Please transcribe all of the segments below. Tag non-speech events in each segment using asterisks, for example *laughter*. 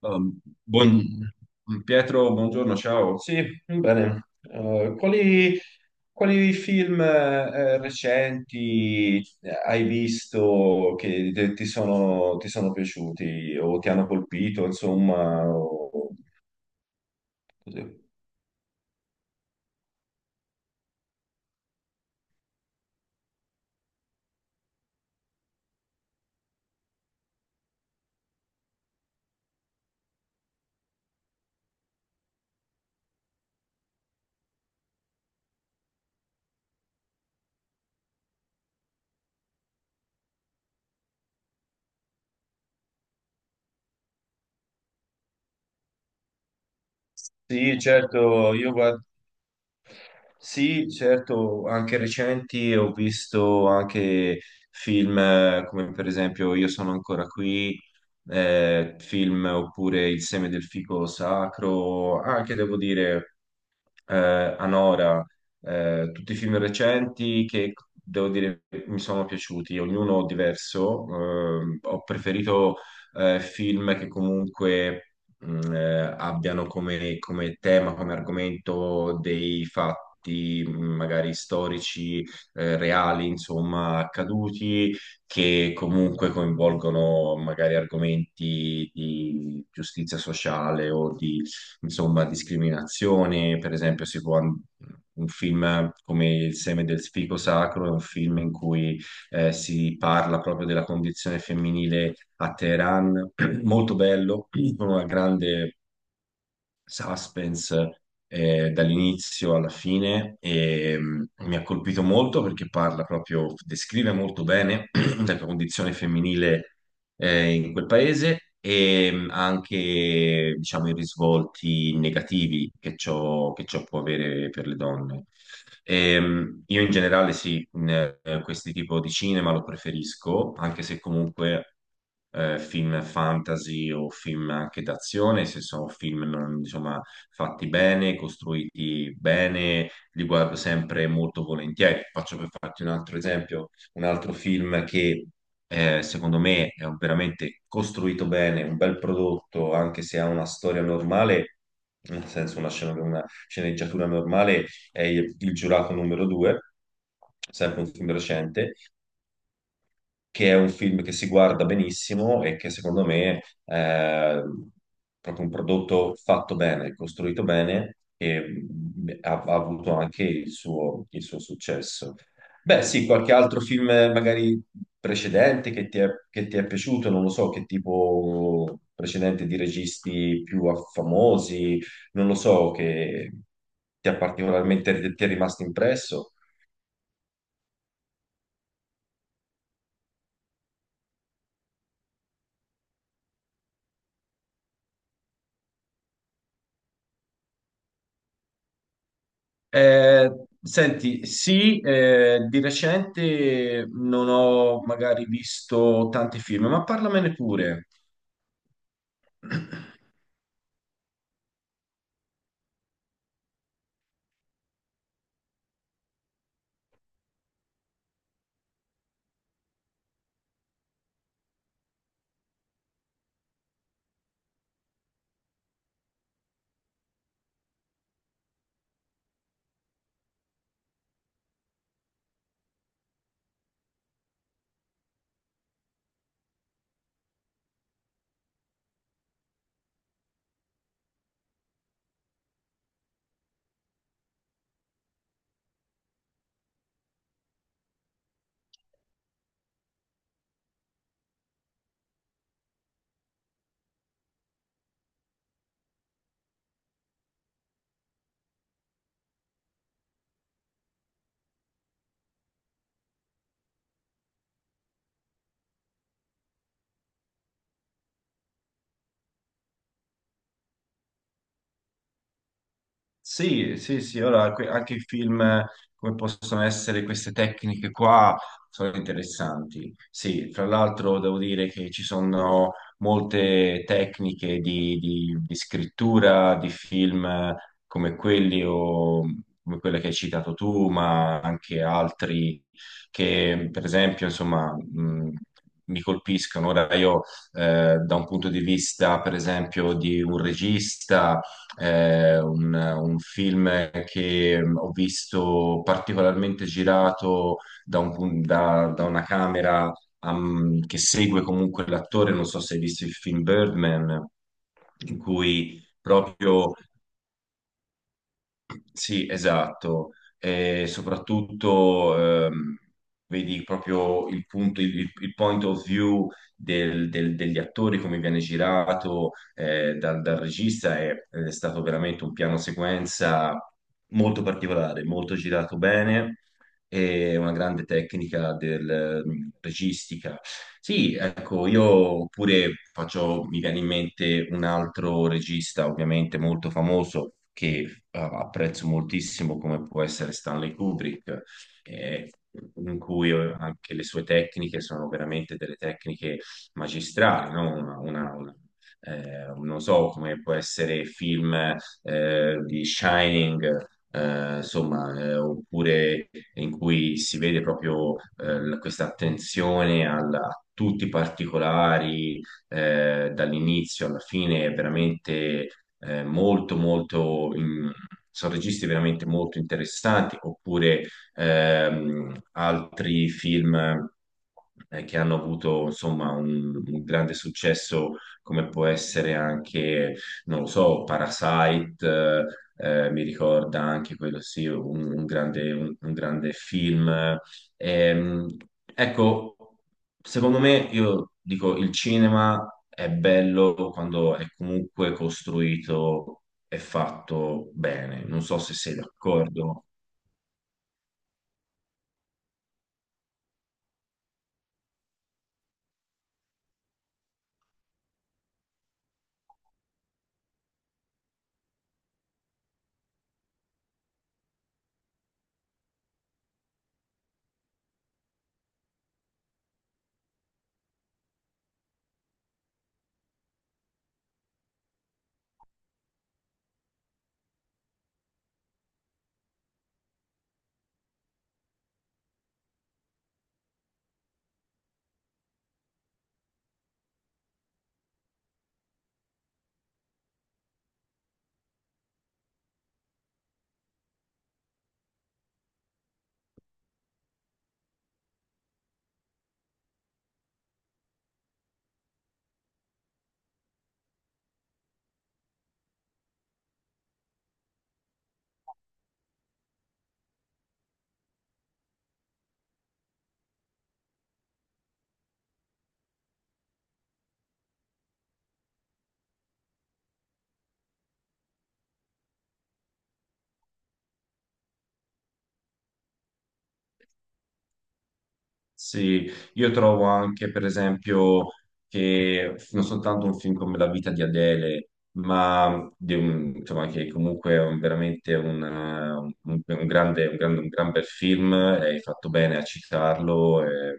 Um, buon- Pietro, buongiorno, ciao. Sì, bene. Quali film recenti hai visto che ti sono piaciuti o ti hanno colpito, insomma? Così? Sì, certo, io guardo. Sì, certo, anche recenti ho visto anche film come per esempio Io sono ancora qui, film oppure Il seme del fico sacro, anche devo dire Anora, tutti i film recenti che devo dire mi sono piaciuti, ognuno diverso. Ho preferito film che comunque abbiano come, come tema, come argomento dei fatti magari storici, reali, insomma, accaduti, che comunque coinvolgono magari argomenti di giustizia sociale o di insomma, discriminazioni, per esempio, si può un film come Il seme del fico sacro è un film in cui si parla proprio della condizione femminile a Teheran, *clears throat* molto bello, con una grande suspense dall'inizio alla fine e mi ha colpito molto perché parla proprio, descrive molto bene *clears throat* la condizione femminile in quel paese e anche, diciamo, i risvolti negativi che ciò può avere per le donne. Io in generale sì, in, questi tipo di cinema lo preferisco, anche se comunque film fantasy o film anche d'azione, se sono film insomma, fatti bene, costruiti bene, li guardo sempre molto volentieri. Faccio per farti un altro esempio un altro film che secondo me è veramente costruito bene, un bel prodotto, anche se ha una storia normale, nel senso una, una sceneggiatura normale, è Il Giurato numero 2, sempre un film recente, che è un film che si guarda benissimo e che secondo me è proprio un prodotto fatto bene, costruito bene e ha, ha avuto anche il suo successo. Beh, sì, qualche altro film magari precedente che ti è piaciuto, non lo so, che tipo precedente di registi più famosi, non lo so, che ti ha particolarmente, ti è rimasto impresso. Eh, senti, sì, di recente non ho magari visto tanti film, ma parlamene pure. *clears throat* Sì, sì, sì, ora anche i film come possono essere queste tecniche qua sono interessanti. Sì, fra l'altro devo dire che ci sono molte tecniche di, di scrittura di film come quelli o come quella che hai citato tu, ma anche altri che per esempio, insomma, mi colpiscono. Ora io da un punto di vista, per esempio, di un regista un film che ho visto particolarmente girato da, da una camera che segue comunque l'attore, non so se hai visto il film Birdman, in cui proprio sì, esatto. E soprattutto vedi proprio il punto, il point of view degli attori, come viene girato dal, dal regista, è stato veramente un piano sequenza molto particolare, molto girato bene e una grande tecnica del registica. Sì, ecco, io oppure faccio, mi viene in mente un altro regista, ovviamente molto famoso, che apprezzo moltissimo, come può essere Stanley Kubrick, eh, in cui anche le sue tecniche sono veramente delle tecniche magistrali, no? Una, non so come può essere film di Shining, insomma, oppure in cui si vede proprio questa attenzione a tutti i particolari, dall'inizio alla fine, è veramente molto, molto... Sono registi veramente molto interessanti, oppure altri film che hanno avuto insomma un grande successo, come può essere anche non lo so, Parasite, mi ricorda anche quello sì, un grande, un grande film. Ehm, ecco, secondo me io dico il cinema è bello quando è comunque costruito e fatto bene. Non so se sei d'accordo. Sì, io trovo anche, per esempio, che non soltanto un film come La vita di Adele, ma di insomma, che comunque è veramente un, un grande, un gran bel film, e hai fatto bene a citarlo,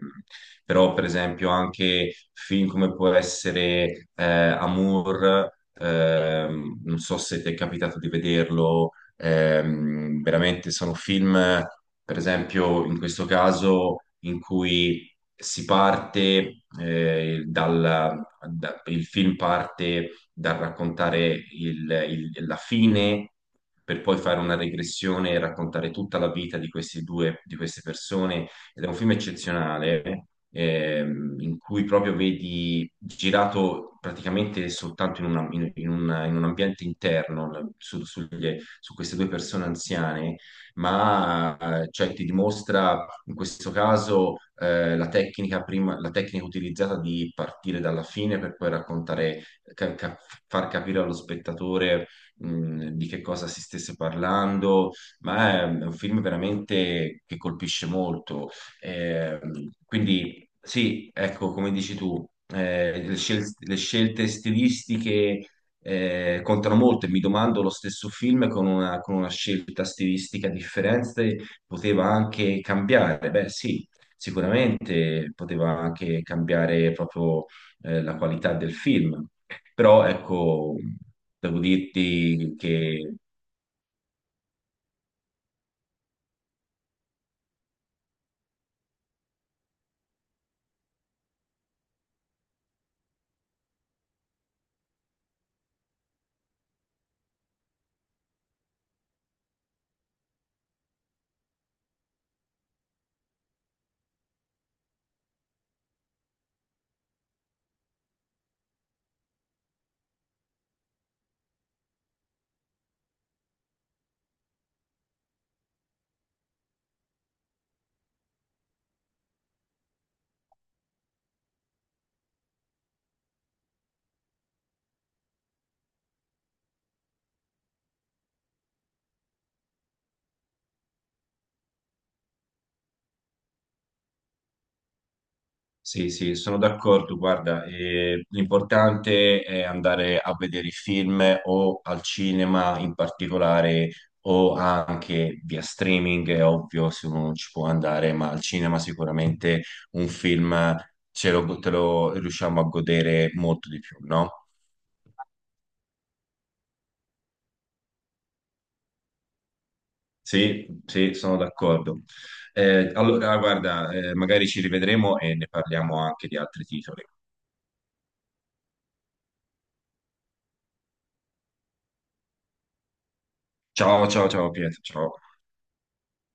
però per esempio anche film come può essere Amour, non so se ti è capitato di vederlo. Veramente sono film, per esempio, in questo caso in cui si parte il film parte dal raccontare la fine per poi fare una regressione e raccontare tutta la vita di questi due, di queste persone. Ed è un film eccezionale. In cui proprio vedi girato praticamente soltanto in, in un ambiente interno, sugli, su queste due persone anziane, ma cioè, ti dimostra in questo caso la la tecnica utilizzata di partire dalla fine per poi raccontare, ca- ca- far capire allo spettatore di che cosa si stesse parlando, ma è un film veramente che colpisce molto. Eh, quindi sì, ecco, come dici tu, le scelte stilistiche contano molto e mi domando lo stesso film con una scelta stilistica differente poteva anche cambiare. Beh, sì, sicuramente poteva anche cambiare proprio la qualità del film, però ecco, devo dirti che sì, sì, sono d'accordo. Guarda, l'importante è andare a vedere i film o al cinema in particolare o anche via streaming, è ovvio se uno non ci può andare, ma al cinema sicuramente un film ce lo, te lo riusciamo a godere molto di più, no? Sì, sì, sono d'accordo. Allora, guarda, magari ci rivedremo e ne parliamo anche di altri titoli. Ciao, ciao, ciao Pietro, ciao.